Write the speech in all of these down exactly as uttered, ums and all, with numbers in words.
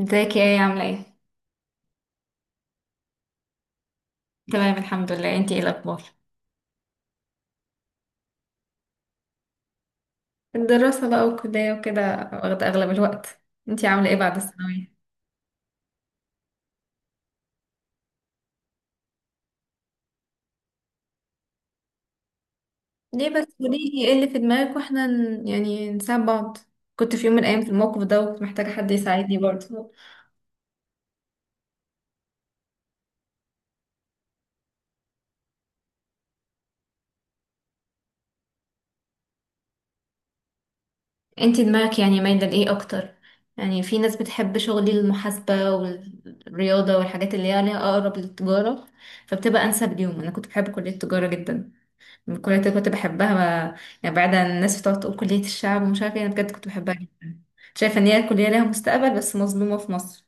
ازيك يا ايه؟ عاملة ايه؟ تمام الحمد لله، انتي ايه الأخبار؟ الدراسة بقى والكلية وكده، واخدة أغلب الوقت. انتي عاملة ايه بعد الثانوية؟ ليه بس؟ قوليلي ايه اللي في دماغك واحنا ن- يعني نساعد بعض. كنت في يوم من الأيام في الموقف ده، وكنت محتاجة حد يساعدني برضه. انتي دماغك يعني مايلة لإيه أكتر؟ يعني في ناس بتحب شغل المحاسبة والرياضة والحاجات اللي هي ليها أقرب للتجارة، فبتبقى أنسب ليهم. أنا كنت بحب كلية التجارة جدا، الكلية دي كنت بحبها ما-. يعني بعد عن الناس بتقعد تقول كلية الشعب ومش عارفة ايه، انا بجد كنت بحبها جدا. شايفة ان هي كلية لها مستقبل بس مظلومة في مصر.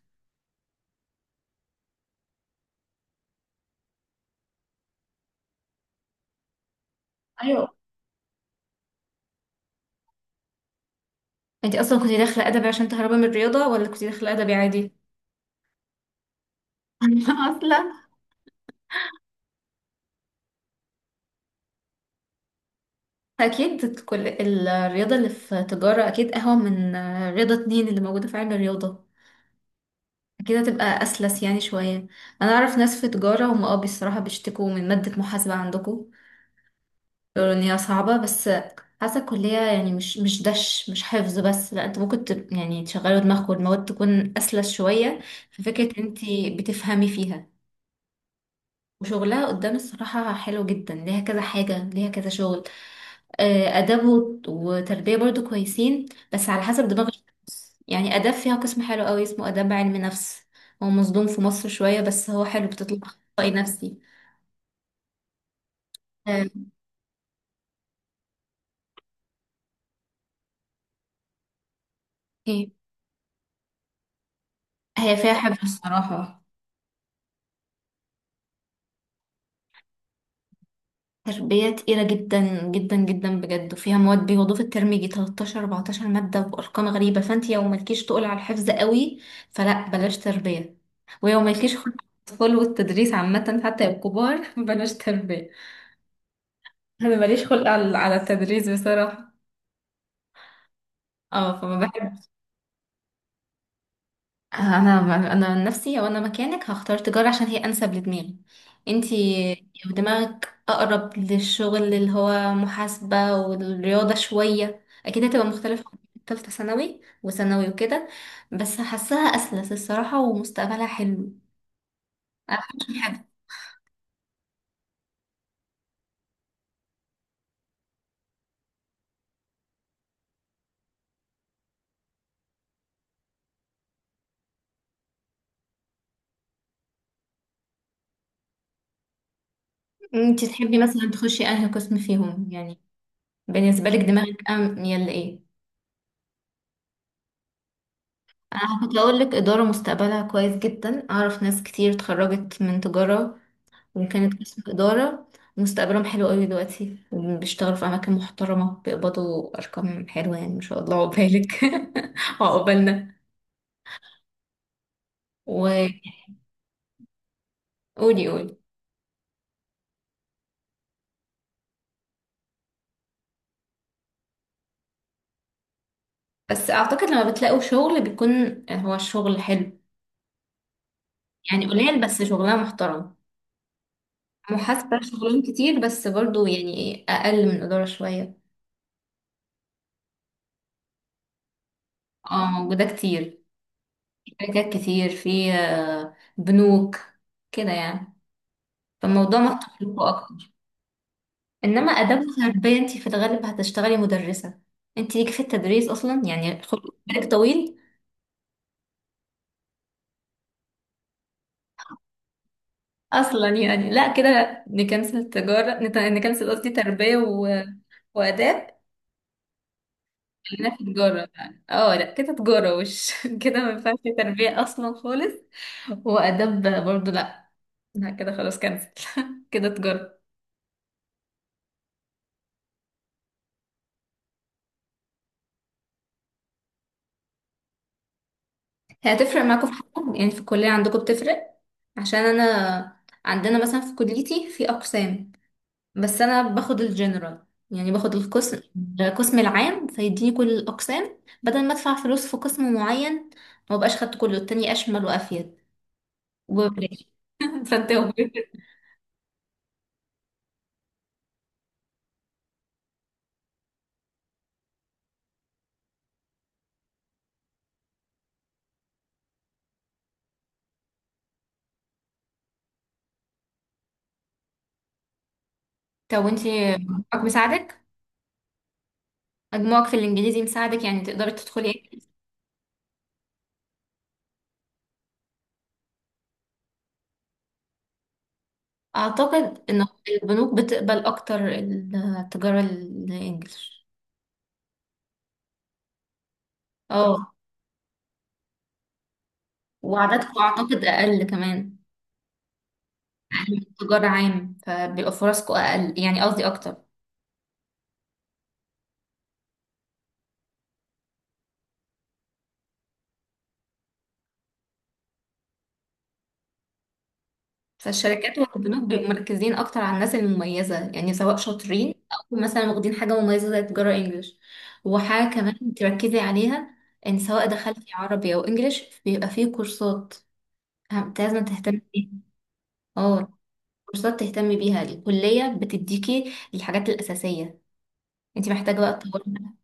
ايوه. انتي اصلا كنتي داخلة ادبي عشان تهربي من الرياضة، ولا كنتي داخلة ادبي عادي؟ اصلا اكيد كل الرياضة اللي في تجارة اكيد اهون من رياضة اتنين اللي موجودة في علم الرياضة. اكيد هتبقى اسلس يعني شوية. انا اعرف ناس في تجارة، هم اه بصراحة بيشتكوا من مادة محاسبة عندكم، يقولوا ان هي صعبة. بس حاسة الكلية يعني مش مش دش مش حفظ بس، لا، انت ممكن تب يعني تشغلوا دماغك، والمواد تكون اسلس شوية. في فكرة ان انت بتفهمي فيها، وشغلها قدام الصراحة حلو جدا، ليها كذا حاجة، ليها كذا شغل. آه، آداب وت- وتربية برضو كويسين، بس على حسب دماغ الشخص. يعني آداب فيها قسم حلو قوي اسمه آداب علم نفس، هو مظلوم في مصر شوية بس هو حلو، بتطلع أخصائي نفسي. آه، إيه. هي فيها حفظ الصراحة. تربية تقيلة جدا جدا جدا بجد، وفيها مواد بيوضوا في الترم يجي تلتاشر اربعتاشر مادة وأرقام غريبة، فأنت لو مالكيش تقول على الحفظ قوي فلا، بلاش تربية. ولو مالكيش خلق على الأطفال والتدريس عامة حتى الكبار بلاش تربية. أنا ماليش خلق على على التدريس بصراحة، اه فما بحبش. أنا أنا عن نفسي لو أنا مكانك هختار تجارة، عشان هي أنسب لدماغي. انتي ودماغك أقرب للشغل اللي هو محاسبة والرياضة شوية، أكيد هتبقى مختلفة عن تالتة ثانوي وثانوي وكده، بس حاساها أسلس الصراحة، ومستقبلها حلو. أحسن حاجة، أنت تحبي مثلا تخشي أنهي قسم فيهم يعني؟ بالنسبة لك دماغك أم يلا إيه؟ أنا كنت أقول لك إدارة مستقبلها كويس جدا، أعرف ناس كتير اتخرجت من تجارة وكانت قسم إدارة، مستقبلهم حلو قوي دلوقتي، بيشتغلوا في أماكن محترمة، بيقبضوا أرقام حلوة يعني. ما شاء الله عقبالك وعقبالنا. وقولي، قولي، بس أعتقد لما بتلاقوا شغل بيكون هو الشغل حلو، يعني قليل بس شغلها محترم. محاسبة شغلهم كتير بس برضو يعني أقل من إدارة شوية. اه موجودة كتير، شركات كتير، في آه، بنوك كده يعني، فالموضوع مفتوح لكم أكتر. انما اداب غربيه، انت في الغالب هتشتغلي مدرسه. انت ليك في التدريس اصلا يعني؟ خد بالك طويل اصلا يعني؟ لا، كده نكنسل تجاره نت- نكنسل قصدي تربيه و... واداب. خلينا في تجاره يعني. اه لا كده تجاره وش كده ما ينفعش تربيه اصلا خالص، واداب برضو لا. لا كده خلاص، كنسل كده تجاره. هي هتفرق معاكم في حاجه يعني في الكليه؟ عندكم بتفرق؟ عشان انا عندنا مثلا في كليتي في اقسام، بس انا باخد الجنرال يعني، باخد القسم، القسم العام فيديني كل الاقسام بدل ما ادفع فلوس في قسم معين. ما بقاش خدت كله، التاني اشمل وافيد، وبلاش. فانت طب وانت مجموعك مساعدك؟ مجموعك في الانجليزي مساعدك يعني تقدري تدخلي ايه؟ اعتقد ان البنوك بتقبل اكتر التجاره الانجليش. اه، وعددكم اعتقد اقل كمان، تجاره عام فبيبقى فرصكم اقل، يعني قصدي اكتر. فالشركات والبنوك بيبقوا مركزين اكتر على الناس المميزه، يعني سواء شاطرين، او مثلا واخدين حاجه مميزه زي تجاره انجليش. وحاجه كمان تركزي عليها، ان سواء دخلتي عربي او انجليش بيبقى فيه كورسات هم- لازم تهتمي بيها. اه كورسات تهتمي بيها، الكليه بتديكي الحاجات الاساسيه، انت محتاجه بقى تطورها.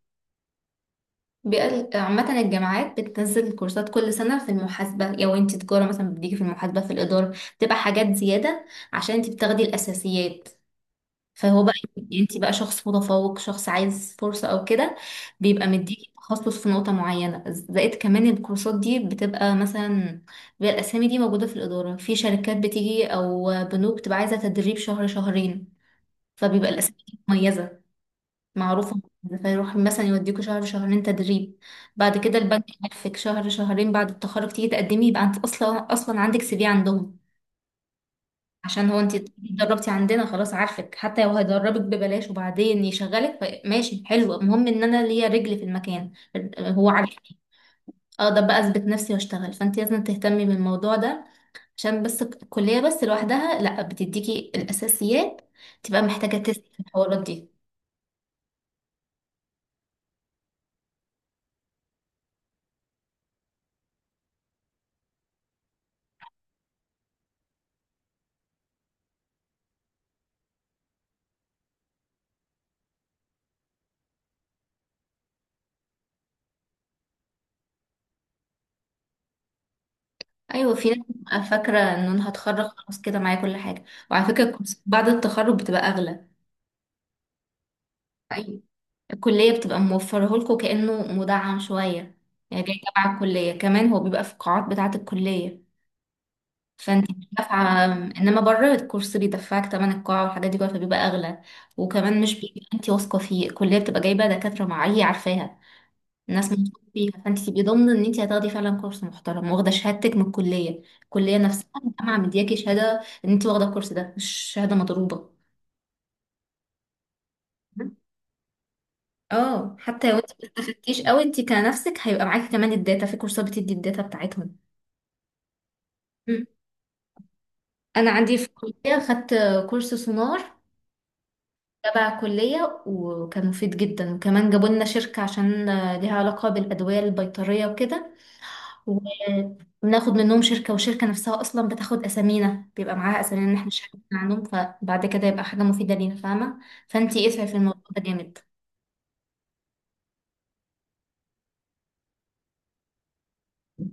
بيقل- عامة الجامعات بتنزل كورسات كل سنة في المحاسبة. لو انت تجارة مثلا بتديكي في المحاسبة، في الإدارة بتبقى حاجات زيادة، عشان انت بتاخدي الأساسيات. فهو بقى، انت بقى شخص متفوق، شخص عايز فرصة او كده، بيبقى مديكي تخصص في نقطة معينة. زائد كمان الكورسات دي بتبقى مثلا، بيبقى الاسامي دي موجودة في الإدارة، في شركات بتيجي او بنوك بتبقى عايزة تدريب شهر شهرين، فبيبقى الاسامي دي مميزة معروفة. فيروح مثلا يوديكوا شهر شهرين تدريب، بعد كده البنك يعرفك شهر شهرين، بعد التخرج تيجي تقدمي يبقى انت اصلا اصلا عندك سي في عندهم. عشان هو انت اتدربتي عندنا، خلاص عارفك. حتى لو هيدربك ببلاش وبعدين يشغلك ف- ماشي حلو، المهم ان انا ليا رجل في المكان، هو عارفني، اقدر بقى اثبت نفسي واشتغل. فانت لازم تهتمي بالموضوع ده، عشان بس الك- الكلية بس لوحدها لا بتديكي الاساسيات، تبقى محتاجة تسأل في الحوارات دي. ايوه في ناس بتبقى فاكرة ان انا هتخرج خلاص كده معايا كل حاجة. وعلى فكرة الكورسات بعد التخرج بتبقى اغلى. ايوه، الكلية بتبقى موفره لكم كأنه مدعم شوية، يعني جاي تبع الكلية، كمان هو بيبقى في القاعات بتاعة الكلية، فانت مش دافعة. انما بره الكورس بيدفعك تمن القاعة والحاجات دي كلها، فبيبقى اغلى. وكمان مش بيبقى انت واثقة فيه، الكلية بتبقى جايبة دكاترة معايا عارفاها، الناس موثوقة فيها، فانت تبقي ضامنة ان انت هتاخدي فعلا كورس محترم، واخدة شهادتك من الكلية، الكلية نفسها، الجامعة مدياكي شهادة ان انت واخدة الكورس ده، مش شهادة مضروبة. اه حتى لو انت ما استفدتيش قوي، انت كنفسك هيبقى معاكي كمان الداتا، في كورسات بتدي الداتا بتاعتهم. مم. انا عندي في الكليه خدت كورس سونار تبع الكليه، وكان مفيد جدا، وكمان جابوا لنا شركه عشان ليها علاقه بالادويه البيطريه وكده. وبناخد منهم شركه، والشركه نفسها اصلا بتاخد اسامينا، بيبقى معاها اسامينا ان احنا مش عارفين عنهم، فبعد كده يبقى حاجه مفيده لينا، فاهمه؟ فانت اسعي في الموضوع ده جامد.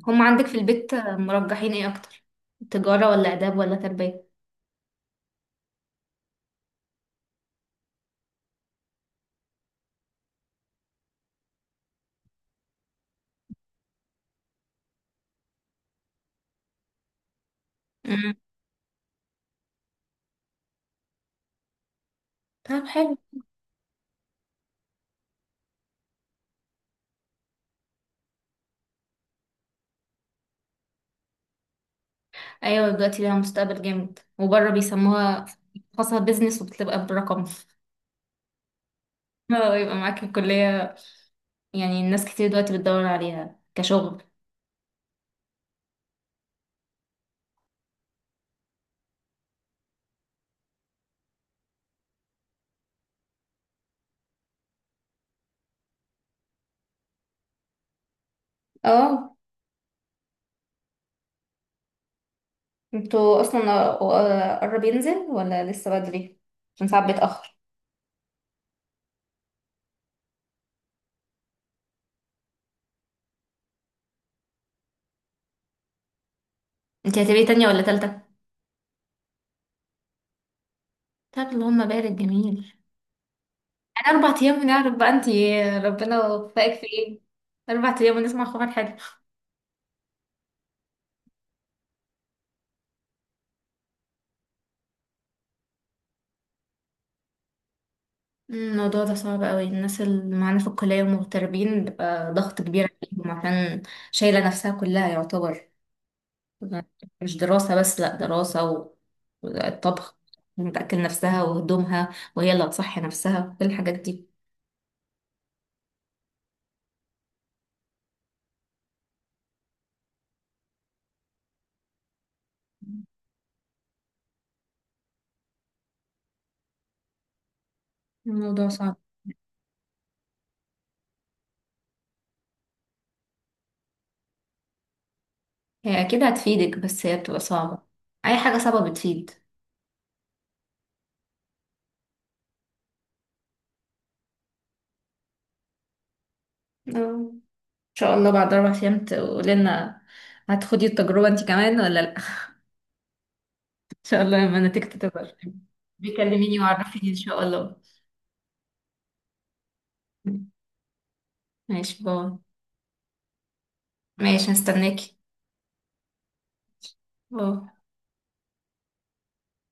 هم عندك في البيت مرجحين ايه اكتر، تجاره ولا اداب ولا تربيه؟ طب حلو. ايوه دلوقتي ليها مستقبل جامد، وبره بيسموها خاصة بيزنس، وبتبقى برقم اه، يبقى معاك الكلية يعني. الناس كتير دلوقتي بتدور عليها كشغل. اه، انتوا اصلا آه، قرب ينزل ولا لسه بدري؟ عشان ساعات بيتأخر. انتي هتبقي تانية ولا تالتة؟ طب اللهم بارك، جميل. انا اربع ايام ونعرف بقى انتي ربنا وفقك في ايه. اربع ايام ونسمع خبر حلو. الموضوع ده صعب قوي، الناس اللي معانا في الكلية ومغتربين بيبقى ضغط كبير عليهم، عشان شايلة نفسها كلها يعتبر، مش دراسة بس، لأ، دراسة والطبخ، وتأكل نفسها وهدومها، وهي اللي هتصحي نفسها، كل الحاجات دي. الموضوع صعب. هي أكيد هتفيدك بس هي بتبقى صعبة، أي حاجة صعبة بتفيد. آه. إن شاء الله بعد أربع أيام تقولي لنا هتخدي التجربة أنت كمان ولا لأ إن شاء الله لما نتيجتك تظهر بيكلميني وعرفيني إن شاء الله. ماشي، باي. ماشي هستناكي. باي.